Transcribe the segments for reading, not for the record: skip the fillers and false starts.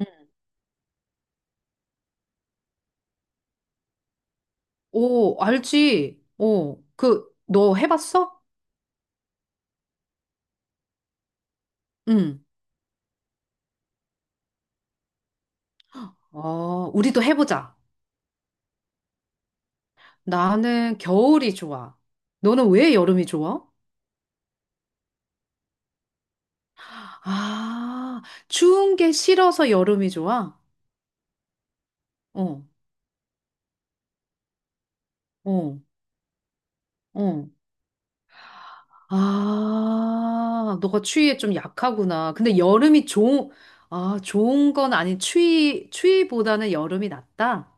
응. 오, 알지? 오, 너 해봤어? 응. 어, 우리도 해보자. 나는 겨울이 좋아. 너는 왜 여름이 좋아? 아, 추운 게 싫어서 여름이 좋아? 어, 어, 어. 아, 너가 추위에 좀 약하구나. 근데 여름이 좋은, 아, 좋은 건 아닌, 추위보다는 여름이 낫다?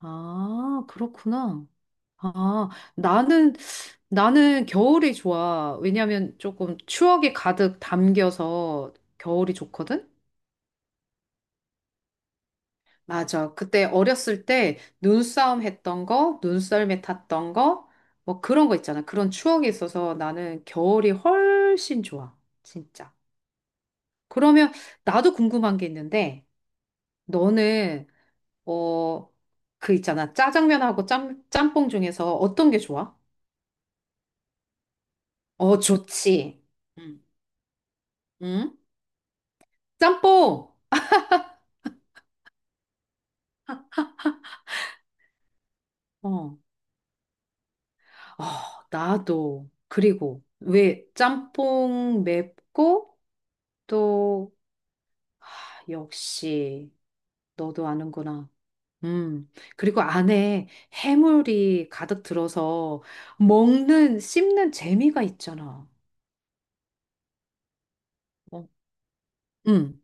아, 그렇구나. 아, 나는, 나는 겨울이 좋아. 왜냐면 조금 추억이 가득 담겨서 겨울이 좋거든? 맞아. 그때 어렸을 때 눈싸움 했던 거, 눈썰매 탔던 거, 뭐 그런 거 있잖아. 그런 추억이 있어서 나는 겨울이 훨씬 좋아. 진짜. 그러면 나도 궁금한 게 있는데, 너는, 어, 그 있잖아. 짜장면하고 짬뽕 중에서 어떤 게 좋아? 어, 좋지. 응. 응? 짬뽕! 어. 어, 나도. 그리고, 왜 짬뽕 맵고, 또, 아, 역시, 너도 아는구나. 음. 그리고 안에 해물이 가득 들어서 먹는, 씹는 재미가 있잖아. 어. 음.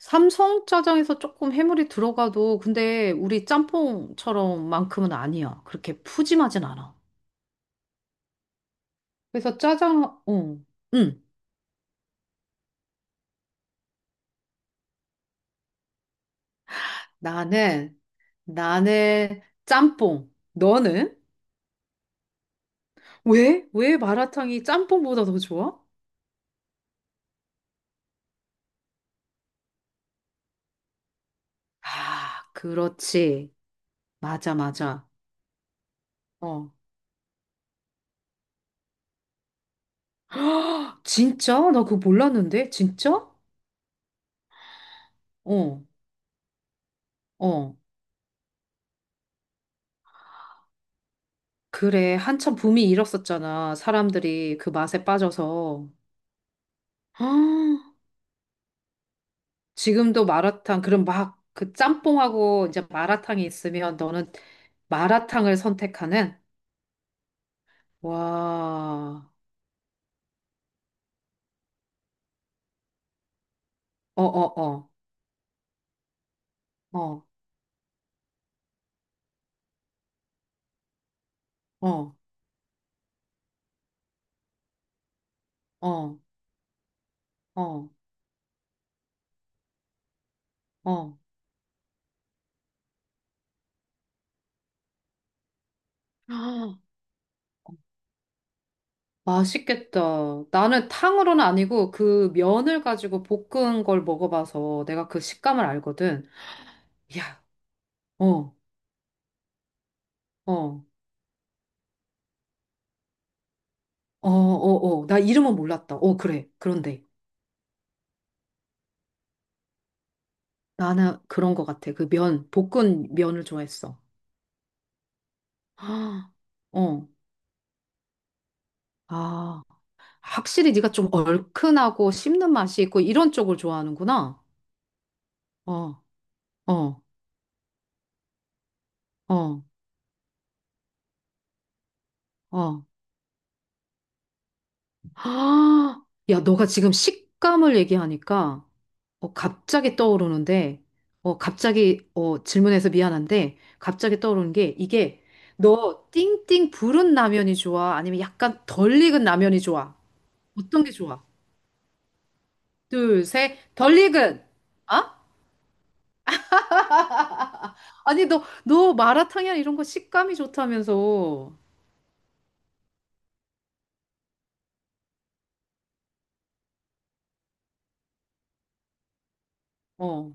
삼성짜장에서 조금 해물이 들어가도, 근데 우리 짬뽕처럼만큼은 아니야. 그렇게 푸짐하진 않아. 그래서 짜장, 어. 음. 나는 나는 짬뽕. 너는? 왜? 왜 마라탕이 짬뽕보다 더 좋아? 아, 그렇지. 맞아, 맞아. 어. 진짜? 나 그거 몰랐는데? 진짜? 어, 어. 그래. 한참 붐이 일었었잖아. 사람들이 그 맛에 빠져서. 아, 지금도 마라탕, 그럼 막 그 짬뽕하고 이제 마라탕이 있으면 너는 마라탕을 선택하는? 와. 어, 어, 어. 어, 어, 어. 어, 어. 아, 맛있겠다. 나는 탕으로는 아니고 그 면을 가지고 볶은 걸 먹어봐서 내가 그 식감을 알거든. 야, 어, 어, 어, 어, 어. 나 이름은 몰랐다. 어, 그래. 그런데 나는 그런 것 같아. 그 면, 볶은 면을 좋아했어. 아, 어, 아. 확실히 네가 좀 얼큰하고 씹는 맛이 있고 이런 쪽을 좋아하는구나. 어, 어, 어, 어. 아, 야, 너가 지금 식감을 얘기하니까 어, 갑자기 떠오르는데, 갑자기 질문해서 미안한데, 갑자기 떠오르는 게 이게 너 띵띵 부른 라면이 좋아? 아니면 약간 덜 익은 라면이 좋아? 어떤 게 좋아? 둘, 셋, 덜 익은! 아? 아니, 너 마라탕이나 이런 거 식감이 좋다면서. 어,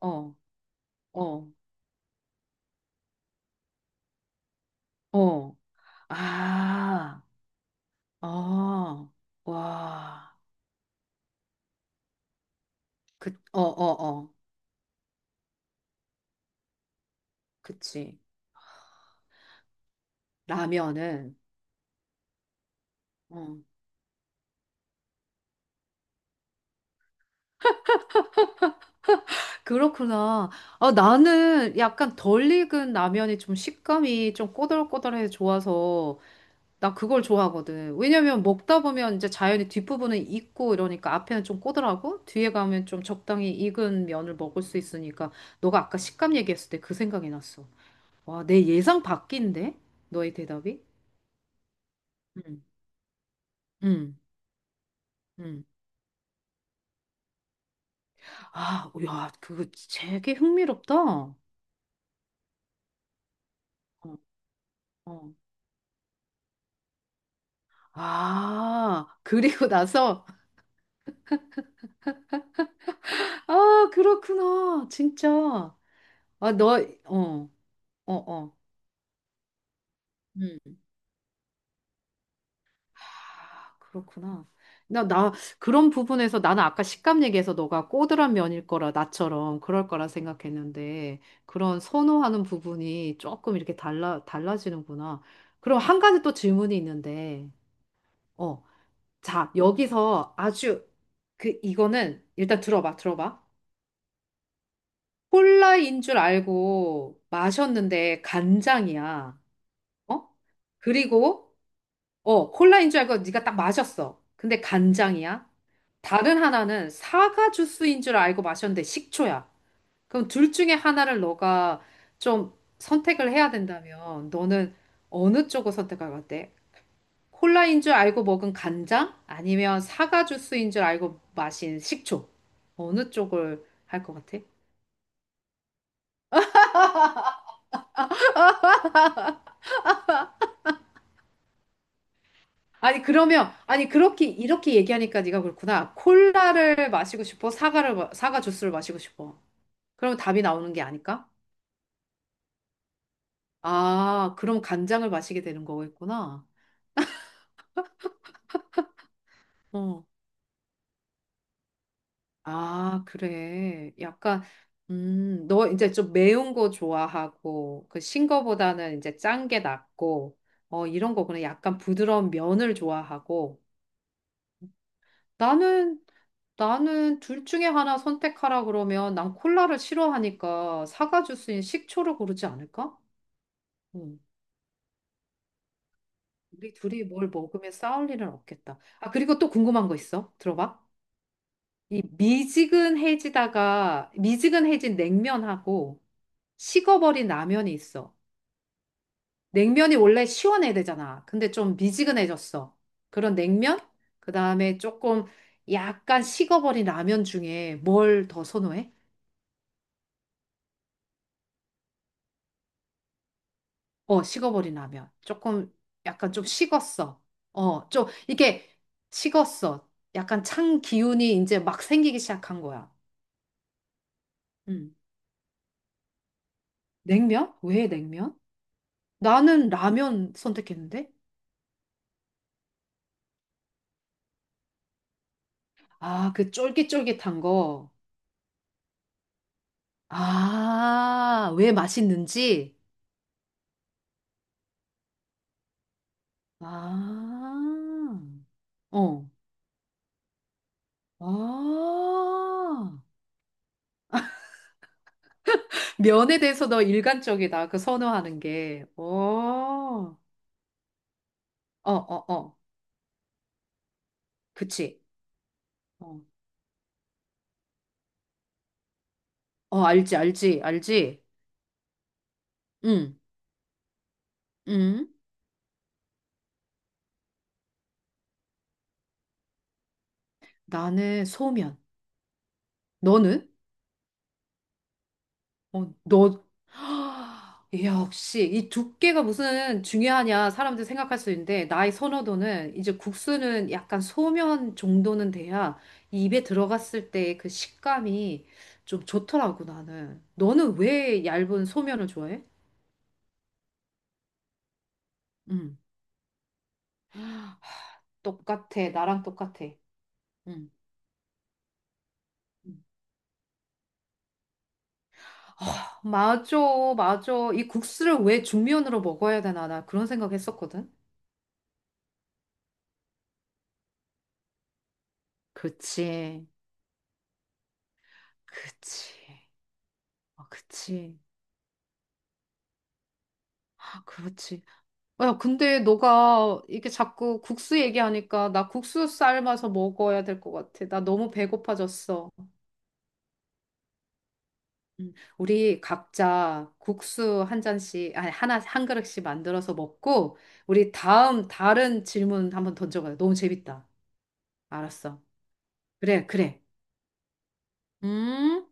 어, 어, 어. 아, 아, 와. 그, 어, 어, 어. 그치. 라면은. 어. 그렇구나. 아, 나는 약간 덜 익은 라면이 좀 식감이 좀 꼬들꼬들해서 좋아서 나 그걸 좋아하거든. 왜냐면 먹다 보면 이제 자연히 뒷부분은 익고 이러니까 앞에는 좀 꼬들하고 뒤에 가면 좀 적당히 익은 면을 먹을 수 있으니까 너가 아까 식감 얘기했을 때 그 생각이 났어. 와, 내 예상 밖인데? 너의 대답이? 응, 응, 응. 아, 야, 그거 되게 흥미롭다. 어, 어. 아, 그리고 나서, 아, 그렇구나. 진짜. 아, 너, 어, 어, 어. 음. 아, 그렇구나. 나, 나, 그런 부분에서 나는 아까 식감 얘기해서 너가 꼬들한 면일 거라, 나처럼 그럴 거라 생각했는데, 그런 선호하는 부분이 조금 이렇게 달라지는구나. 그럼 한 가지 또 질문이 있는데, 어, 자, 여기서 이거는 일단 들어봐, 들어봐. 콜라인 줄 알고 마셨는데 간장이야. 어? 그리고 어, 콜라인 줄 알고 네가 딱 마셨어. 근데 간장이야. 다른 하나는 사과 주스인 줄 알고 마셨는데 식초야. 그럼 둘 중에 하나를 너가 좀 선택을 해야 된다면 너는 어느 쪽을 선택할 것 같아? 콜라인 줄 알고 먹은 간장? 아니면 사과 주스인 줄 알고 마신 식초? 어느 쪽을 할 것 같아? 아니 그러면 아니 그렇게 이렇게 얘기하니까 네가 그렇구나. 콜라를 마시고 싶어? 사과를 마- 사과 주스를 마시고 싶어? 그러면 답이 나오는 게 아닐까? 아, 그럼 간장을 마시게 되는 거겠구나. 어. 아, 그래. 약간 너 이제 좀 매운 거 좋아하고 그 신 거보다는 이제 짠 게 낫고 어, 이런 거구나. 약간 부드러운 면을 좋아하고 나는 나는 둘 중에 하나 선택하라 그러면 난 콜라를 싫어하니까 사과 주스인 식초를 고르지 않을까? 응. 우리 둘이 뭘 먹으면 싸울 일은 없겠다. 아, 그리고 또 궁금한 거 있어. 들어봐. 이 미지근해지다가 미지근해진 냉면하고 식어버린 라면이 있어. 냉면이 원래 시원해야 되잖아. 근데 좀 미지근해졌어. 그런 냉면? 그다음에 조금 약간 식어버린 라면 중에 뭘 더 선호해? 어, 식어버린 라면. 약간 좀 식었어. 어, 좀, 이렇게 식었어. 약간 찬 기운이 이제 막 생기기 시작한 거야. 음. 냉면? 왜 냉면? 나는 라면 선택했는데? 아, 그 쫄깃쫄깃한 거. 아, 왜 맛있는지? 아, 어. 아. 면에 대해서 너 일관적이다. 그 선호하는 게. 오. 어, 어, 어. 그치. 어. 어, 알지, 알지, 알지. 응, 응. 나는 소면. 너는? 어, 너. 역시 이 두께가 무슨 중요하냐 사람들 생각할 수 있는데 나의 선호도는 이제 국수는 약간 소면 정도는 돼야 입에 들어갔을 때 그 식감이 좀 좋더라고 나는. 너는 왜 얇은 소면을 좋아해? 응. 똑같아. 나랑 똑같아. 응. 맞아, 맞아. 이 국수를 왜 중면으로 먹어야 되나, 나 그런 생각 했었거든. 그치, 그치, 아, 그치. 아, 그렇지. 야, 근데 너가 이렇게 자꾸 국수 얘기하니까 나 국수 삶아서 먹어야 될 것 같아. 나 너무 배고파졌어. 우리 각자 국수 한 잔씩, 아니, 하나, 한 그릇씩 만들어서 먹고, 우리 다음 다른 질문 한번 던져봐요. 너무 재밌다. 알았어. 그래, 그래. 음?